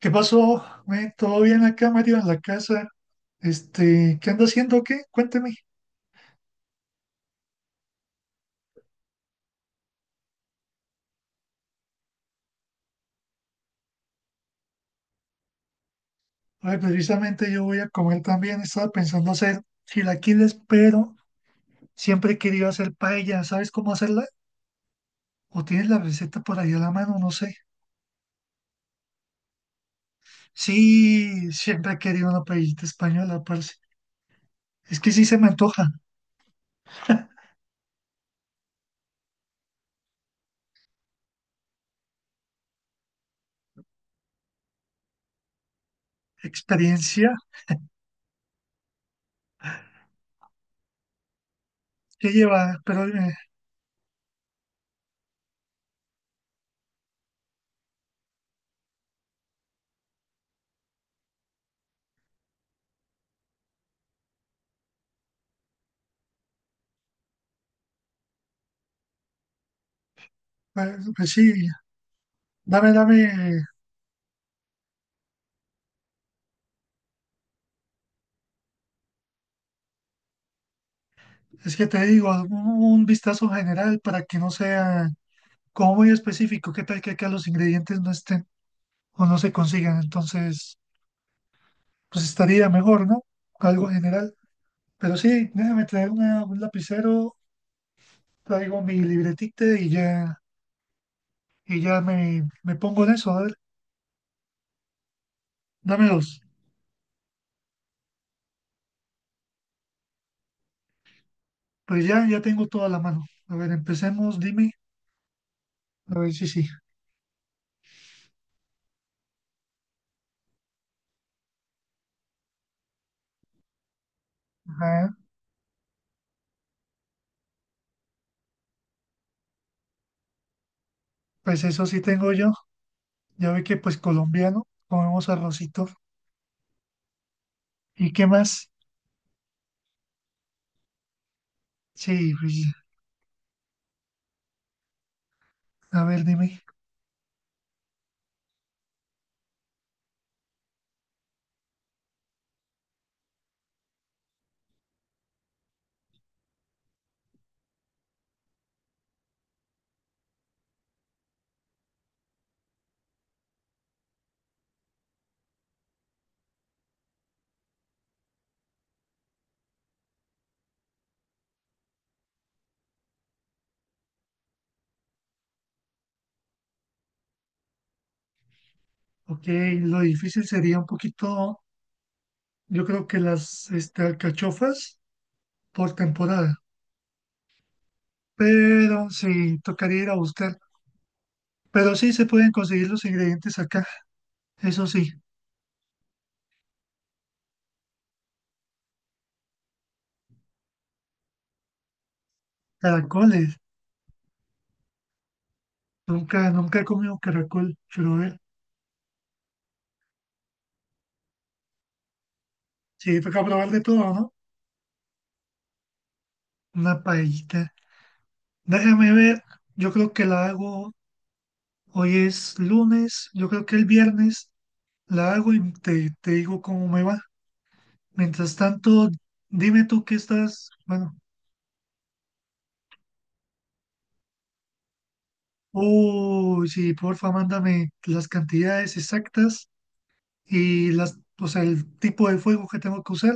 ¿Qué pasó? ¿Todo bien acá, Mario, en la casa? ¿Qué ando haciendo? O ¿qué? Cuénteme. Ay, precisamente yo voy a comer también. Estaba pensando hacer chilaquiles, pero siempre he querido hacer paella. ¿Sabes cómo hacerla? ¿O tienes la receta por ahí a la mano? No sé. Sí, siempre he querido una paellita española, parce. Es que sí se me antoja. Experiencia que lleva, pero pues sí, dame. Es que te digo, un vistazo general para que no sea como muy específico, qué tal que acá los ingredientes no estén o no se consigan, entonces pues estaría mejor, ¿no? Algo general. Pero sí, déjame traer un lapicero, traigo mi libretita y ya me pongo en eso, a ver, dame dos. Pues ya, ya tengo toda la mano. A ver, empecemos, dime, a ver si sí. Ajá, pues eso sí tengo yo. Ya ve que pues colombiano, comemos arrocito. ¿Y qué más? Sí, pues, a ver, dime. Ok, lo difícil sería un poquito. Yo creo que las alcachofas por temporada, pero sí, tocaría ir a buscar. Pero sí se pueden conseguir los ingredientes acá, eso sí, caracoles. Nunca he comido caracol, pero a ver, sí, toca probar de todo, ¿no? Una paellita. Déjame ver, yo creo que la hago, hoy es lunes, yo creo que el viernes la hago y te digo cómo me va. Mientras tanto, dime tú qué estás, bueno. Uy, sí, porfa, mándame las cantidades exactas y o sea, el tipo de fuego que tengo que usar,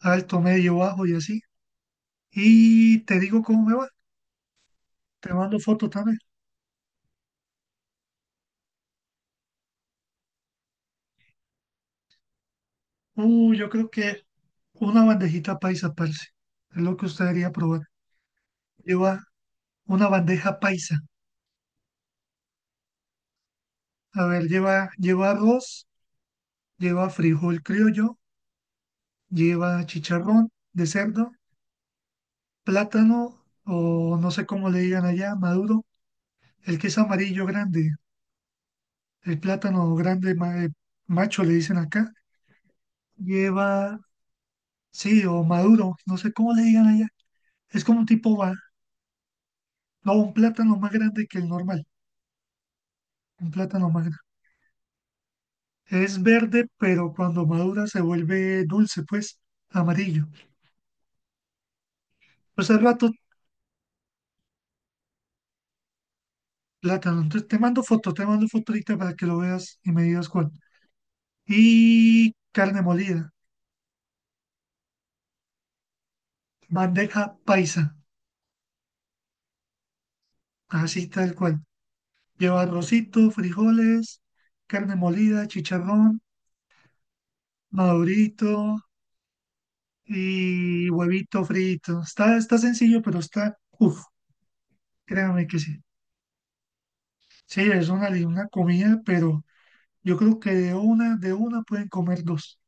alto, medio, bajo y así. Y te digo cómo me va, te mando foto también. Uy, yo creo que una bandejita paisa, parce, es lo que usted debería probar. Lleva una bandeja paisa. A ver, lleva arroz, lleva frijol criollo, lleva chicharrón de cerdo, plátano, o no sé cómo le digan allá, maduro. El queso amarillo grande, el plátano grande macho le dicen acá, lleva, sí, o maduro, no sé cómo le digan allá. Es como un tipo, no, un plátano más grande que el normal, un plátano más grande. Es verde, pero cuando madura se vuelve dulce, pues, amarillo. Pues al rato, plátano. Entonces te mando foto ahorita para que lo veas y me digas cuál. Y carne molida, bandeja paisa, así tal cual. Lleva arrocito, frijoles, carne molida, chicharrón, madurito y huevito frito. Está, está sencillo, pero está, uff, créame que sí. Sí, es una comida, pero yo creo que de una pueden comer dos.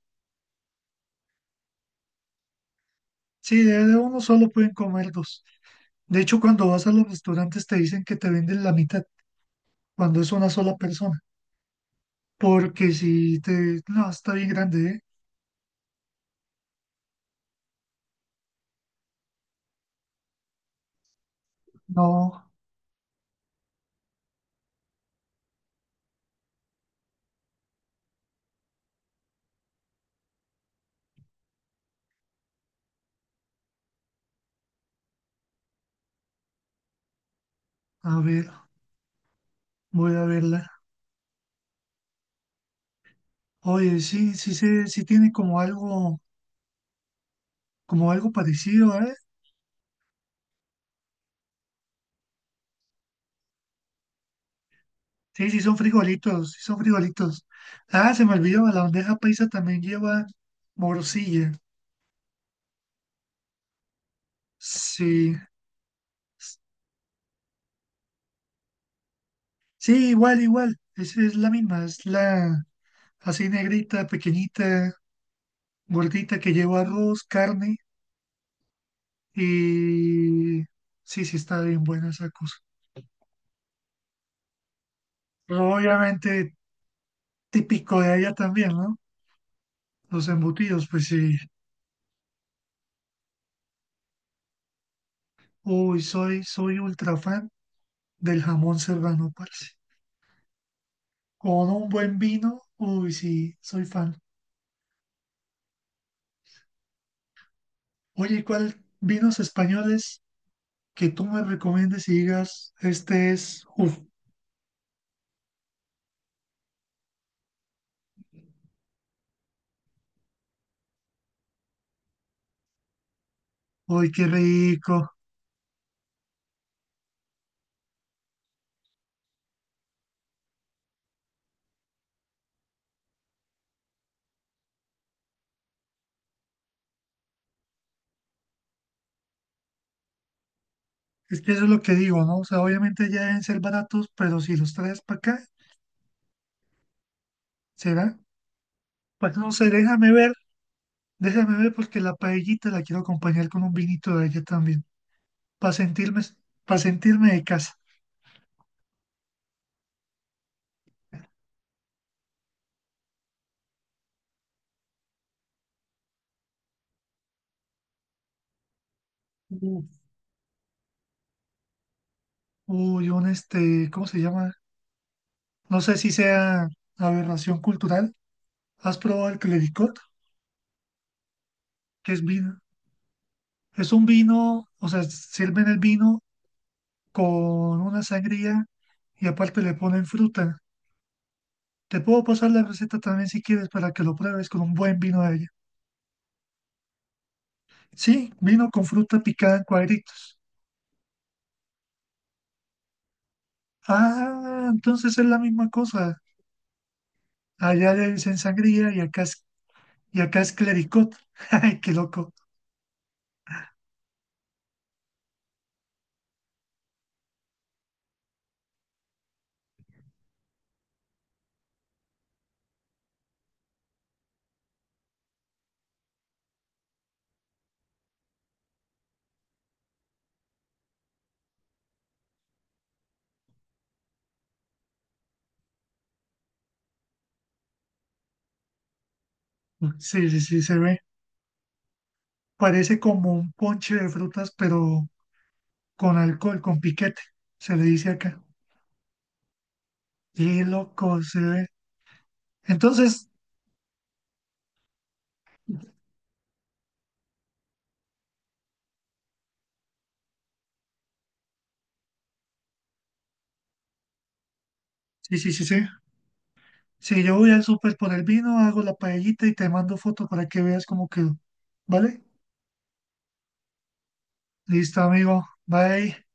Sí, de uno solo pueden comer dos. De hecho, cuando vas a los restaurantes te dicen que te venden la mitad, cuando es una sola persona. Porque si te... No, está bien grande, ¿eh? No, a ver, voy a verla. Oye, sí, sí, tiene como algo parecido, ¿eh? Sí, sí son frijolitos, sí son frijolitos. Ah, se me olvidó, la bandeja paisa también lleva morcilla. Sí, sí, igual, igual, es la misma, es la así negrita, pequeñita, gordita que lleva arroz, carne y sí, sí está bien buena esa cosa. Pero obviamente típico de allá también, ¿no? Los embutidos, pues sí. Uy, soy ultra fan del jamón serrano, parce. Con un buen vino, uy, sí, soy fan. Oye, ¿cuál vinos españoles que tú me recomiendes y digas, este es, uff, uy, qué rico? Es que eso es lo que digo, ¿no? O sea, obviamente ya deben ser baratos, pero si los traes para acá, ¿será? Pues no sé, déjame ver porque la paellita la quiero acompañar con un vinito de ella también, para sentirme, para sentirme de casa. Uf. Uy, un este, ¿cómo se llama? No sé si sea aberración cultural. ¿Has probado el clericot? Que es vino. Es un vino, o sea, sirven el vino con una sangría y aparte le ponen fruta. Te puedo pasar la receta también si quieres para que lo pruebes con un buen vino de ella. Sí, vino con fruta picada en cuadritos. Ah, entonces es la misma cosa. Allá le dicen sangría y y acá es clericot. Ay, qué loco. Sí, sí, sí, se ve. Parece como un ponche de frutas, pero con alcohol, con piquete, se le dice acá. Y loco se ve. Entonces, sí, sí, sí, sí. Si yo voy al súper por el vino, hago la paellita y te mando foto para que veas cómo quedó. ¿Vale? Listo, amigo. Bye.